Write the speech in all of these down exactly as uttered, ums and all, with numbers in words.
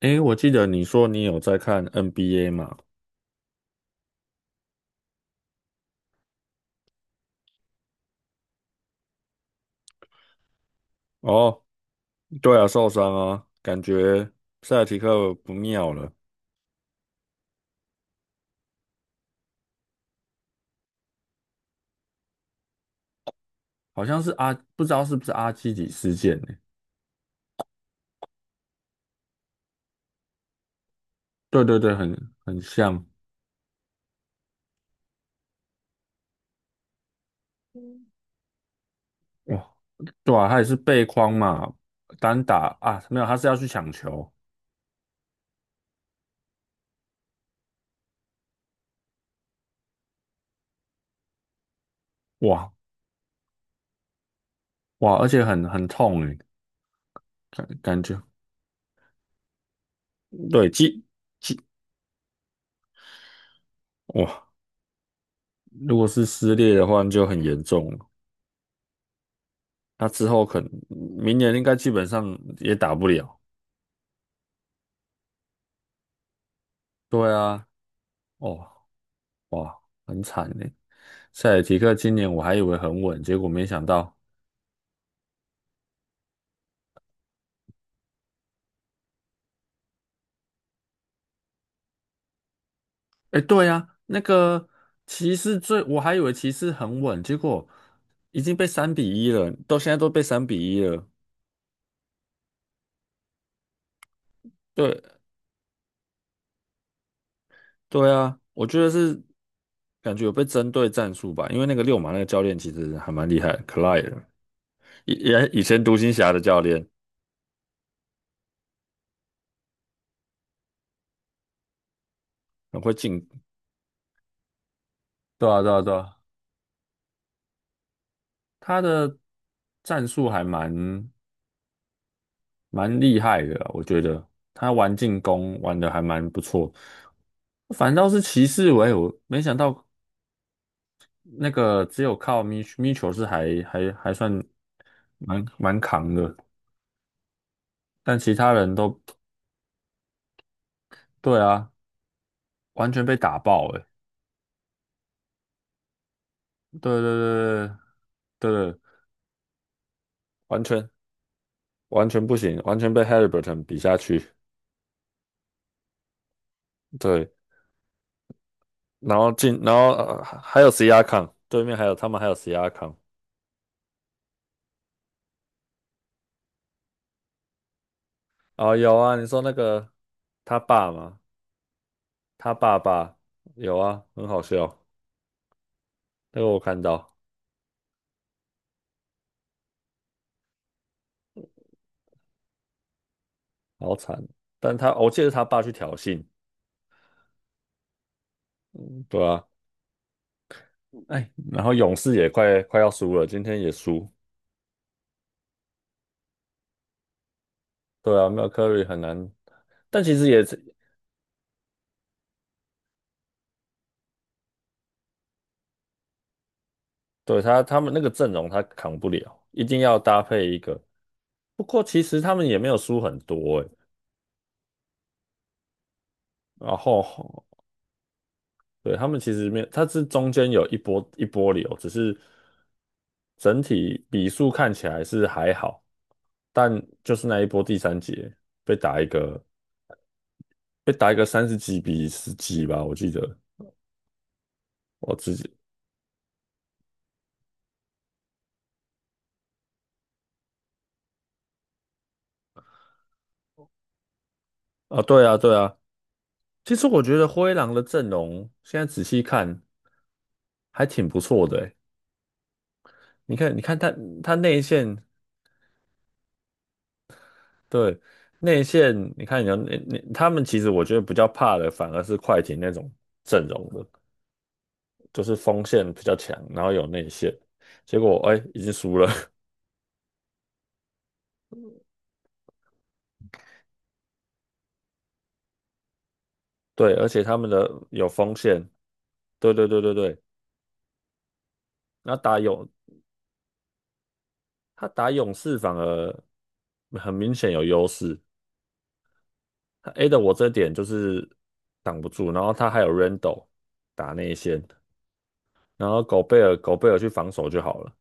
诶，我记得你说你有在看 N B A 嘛？哦，对啊，受伤啊，感觉塞尔提克不妙了。好像是阿，不知道是不是阿基里事件呢。对对对，很很像。哇，对啊，他也是背框嘛，单打啊，没有，他是要去抢球。哇哇，而且很很痛诶。感感觉，对，肌肌哇，如果是撕裂的话那就很严重了。那之后可能明年应该基本上也打不了。对啊，哦，哇，很惨呢。塞尔提克今年我还以为很稳，结果没想到。哎，对啊，那个骑士最，我还以为骑士很稳，结果已经被三比一了，到现在都被三比一了。对，对啊，我觉得是感觉有被针对战术吧，因为那个六马那个教练其实还蛮厉害的，Clyde，以也以前独行侠的教练，很会进。对啊，对啊，对啊，他的战术还蛮蛮厉害的啊我觉得他玩进攻玩的还蛮不错。反倒是骑士，喂，我没想到那个只有靠米米球是还还还算蛮蛮扛的，但其他人都对啊，完全被打爆诶。对对对对对，完全完全不行，完全被 Haliburton 比下去。对，然后进，然后、呃、还有 C R a 对面还有他们还有 C R a 哦，有啊，你说那个他爸吗？他爸爸有啊，很好笑，那个我看到，好惨。但他我记得他爸去挑衅，对啊。哎，然后勇士也快快要输了，今天也输。对啊，没有 c u 很难，但其实也是对他他们那个阵容他扛不了，一定要搭配一个。不过其实他们也没有输很多哎，然后对，他们其实没有，它是中间有一波一波流，只是整体比数看起来是还好，但就是那一波第三节被打一个被打一个三十几比十几吧，我记得我自己啊，对啊对啊，其实我觉得灰狼的阵容现在仔细看还挺不错的欸，你看你看他他内线对内线，你看你要内内他们其实我觉得比较怕的反而是快艇那种阵容的。就是锋线比较强，然后有内线，结果哎已经输了，对，而且他们的有锋线，对对对对对，那打勇他打勇士反而很明显有优势，他 A 的我这点就是挡不住，然后他还有 Randle 打内线，然后狗贝尔狗贝尔去防守就好了。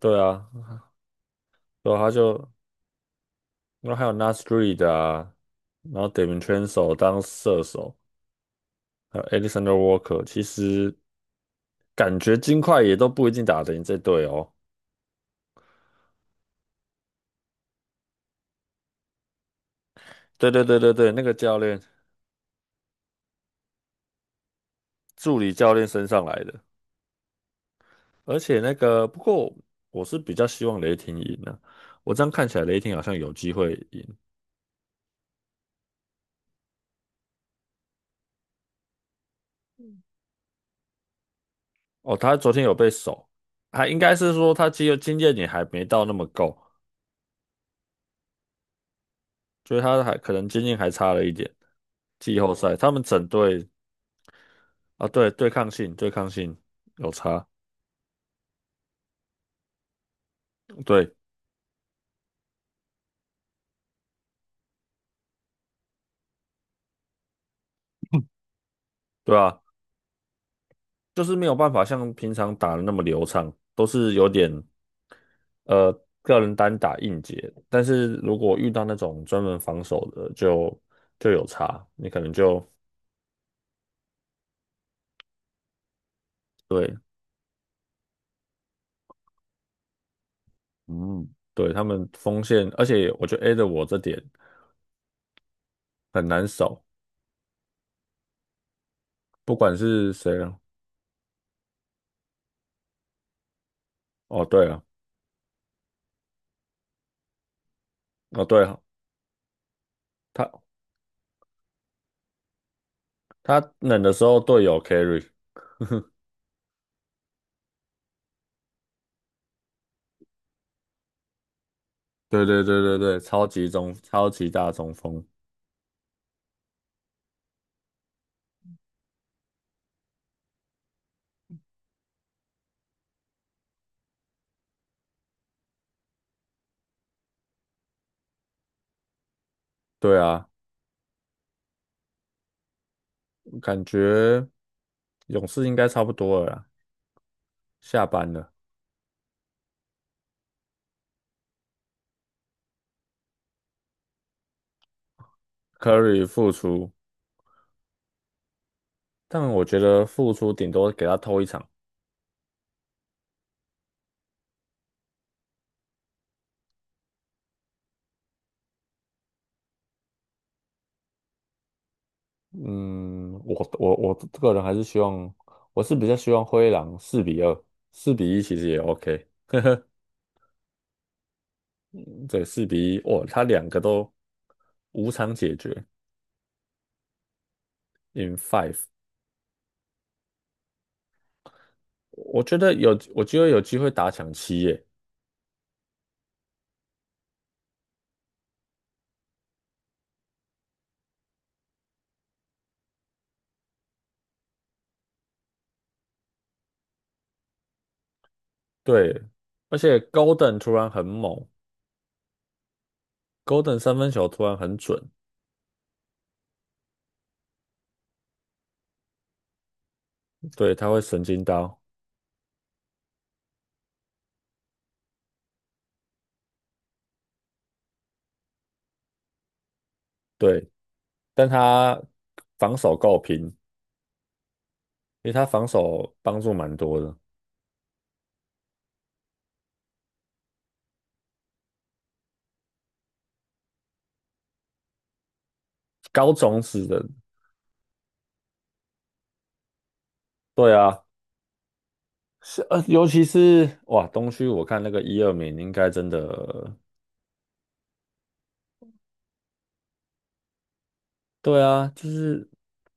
对啊，然后他就然后还有 Nas Reed 啊，然后 d e v i n c h a n c e 当射手。还有 Alexander Walker，其实感觉金块也都不一定打得赢这队哦。对对对对对，那个教练助理教练身上来的，而且那个不过我是比较希望雷霆赢的。我这样看起来雷霆好像有机会赢哦。他昨天有被守，还应该是说他经肉经验也还没到那么够，就是他还可能经验还差了一点。季后赛他们整队啊，对对抗性对抗性有差，对对啊。就是没有办法像平常打的那么流畅，都是有点呃个人单打硬解。但是如果遇到那种专门防守的，就就有差，你可能就对嗯，对他们锋线，而且我觉得 A 的我这点很难守，不管是谁啊。哦，对了，哦对了，他他冷的时候队友 carry，对对对对对，超级中超级大中锋，对啊，感觉勇士应该差不多了啦。下班了，Curry 复出，但我觉得复出顶多给他偷一场。嗯，我我我个人还是希望，我是比较希望灰狼四比二，四比一其实也 OK。对，四比一，哇，他两个都无场解决，in five。我觉得有，我觉得有机会打抢七耶。对，而且 Golden 突然很猛，Golden 三分球突然很准。对，他会神经刀，对，但他防守够平，因为他防守帮助蛮多的，高种子的，对啊，是呃，尤其是哇，东区我看那个一二名应该真的。对啊，就是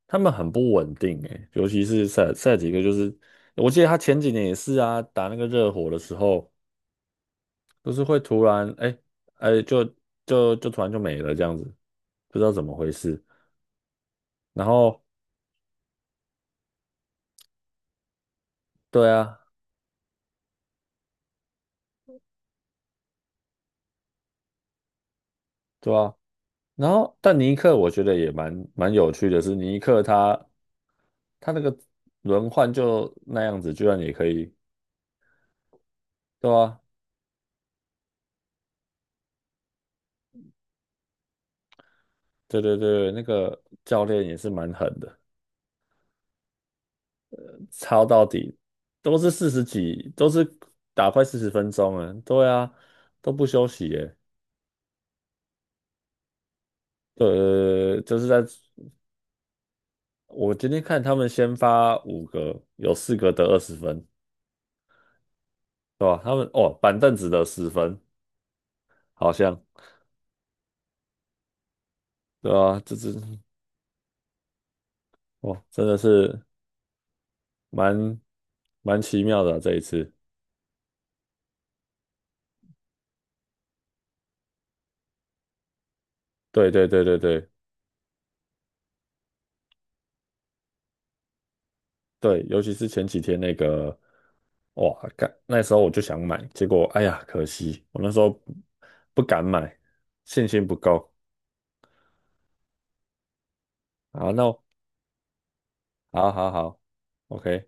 他们很不稳定诶，尤其是赛赛几个，就是我记得他前几年也是啊，打那个热火的时候，就是会突然哎哎就就就突然就没了这样子，不知道怎么回事，然后对啊对啊。然后，但尼克我觉得也蛮蛮有趣的是，尼克他他那个轮换就那样子，居然也可以，对啊，对对对，那个教练也是蛮狠的。抄到底都是四十几，都是打快四十分钟啊，对啊，都不休息耶，呃，就是在我今天看他们先发五个，有四个得二十分，对吧？他们哦，板凳只得十分，好像对啊，这这哇，真的是。蛮蛮奇妙的啊这一次。对对对对对对，尤其是前几天那个，哇，干，那时候我就想买，结果哎呀，可惜我那时候不敢买，信心不够。好，那我好好好，OK。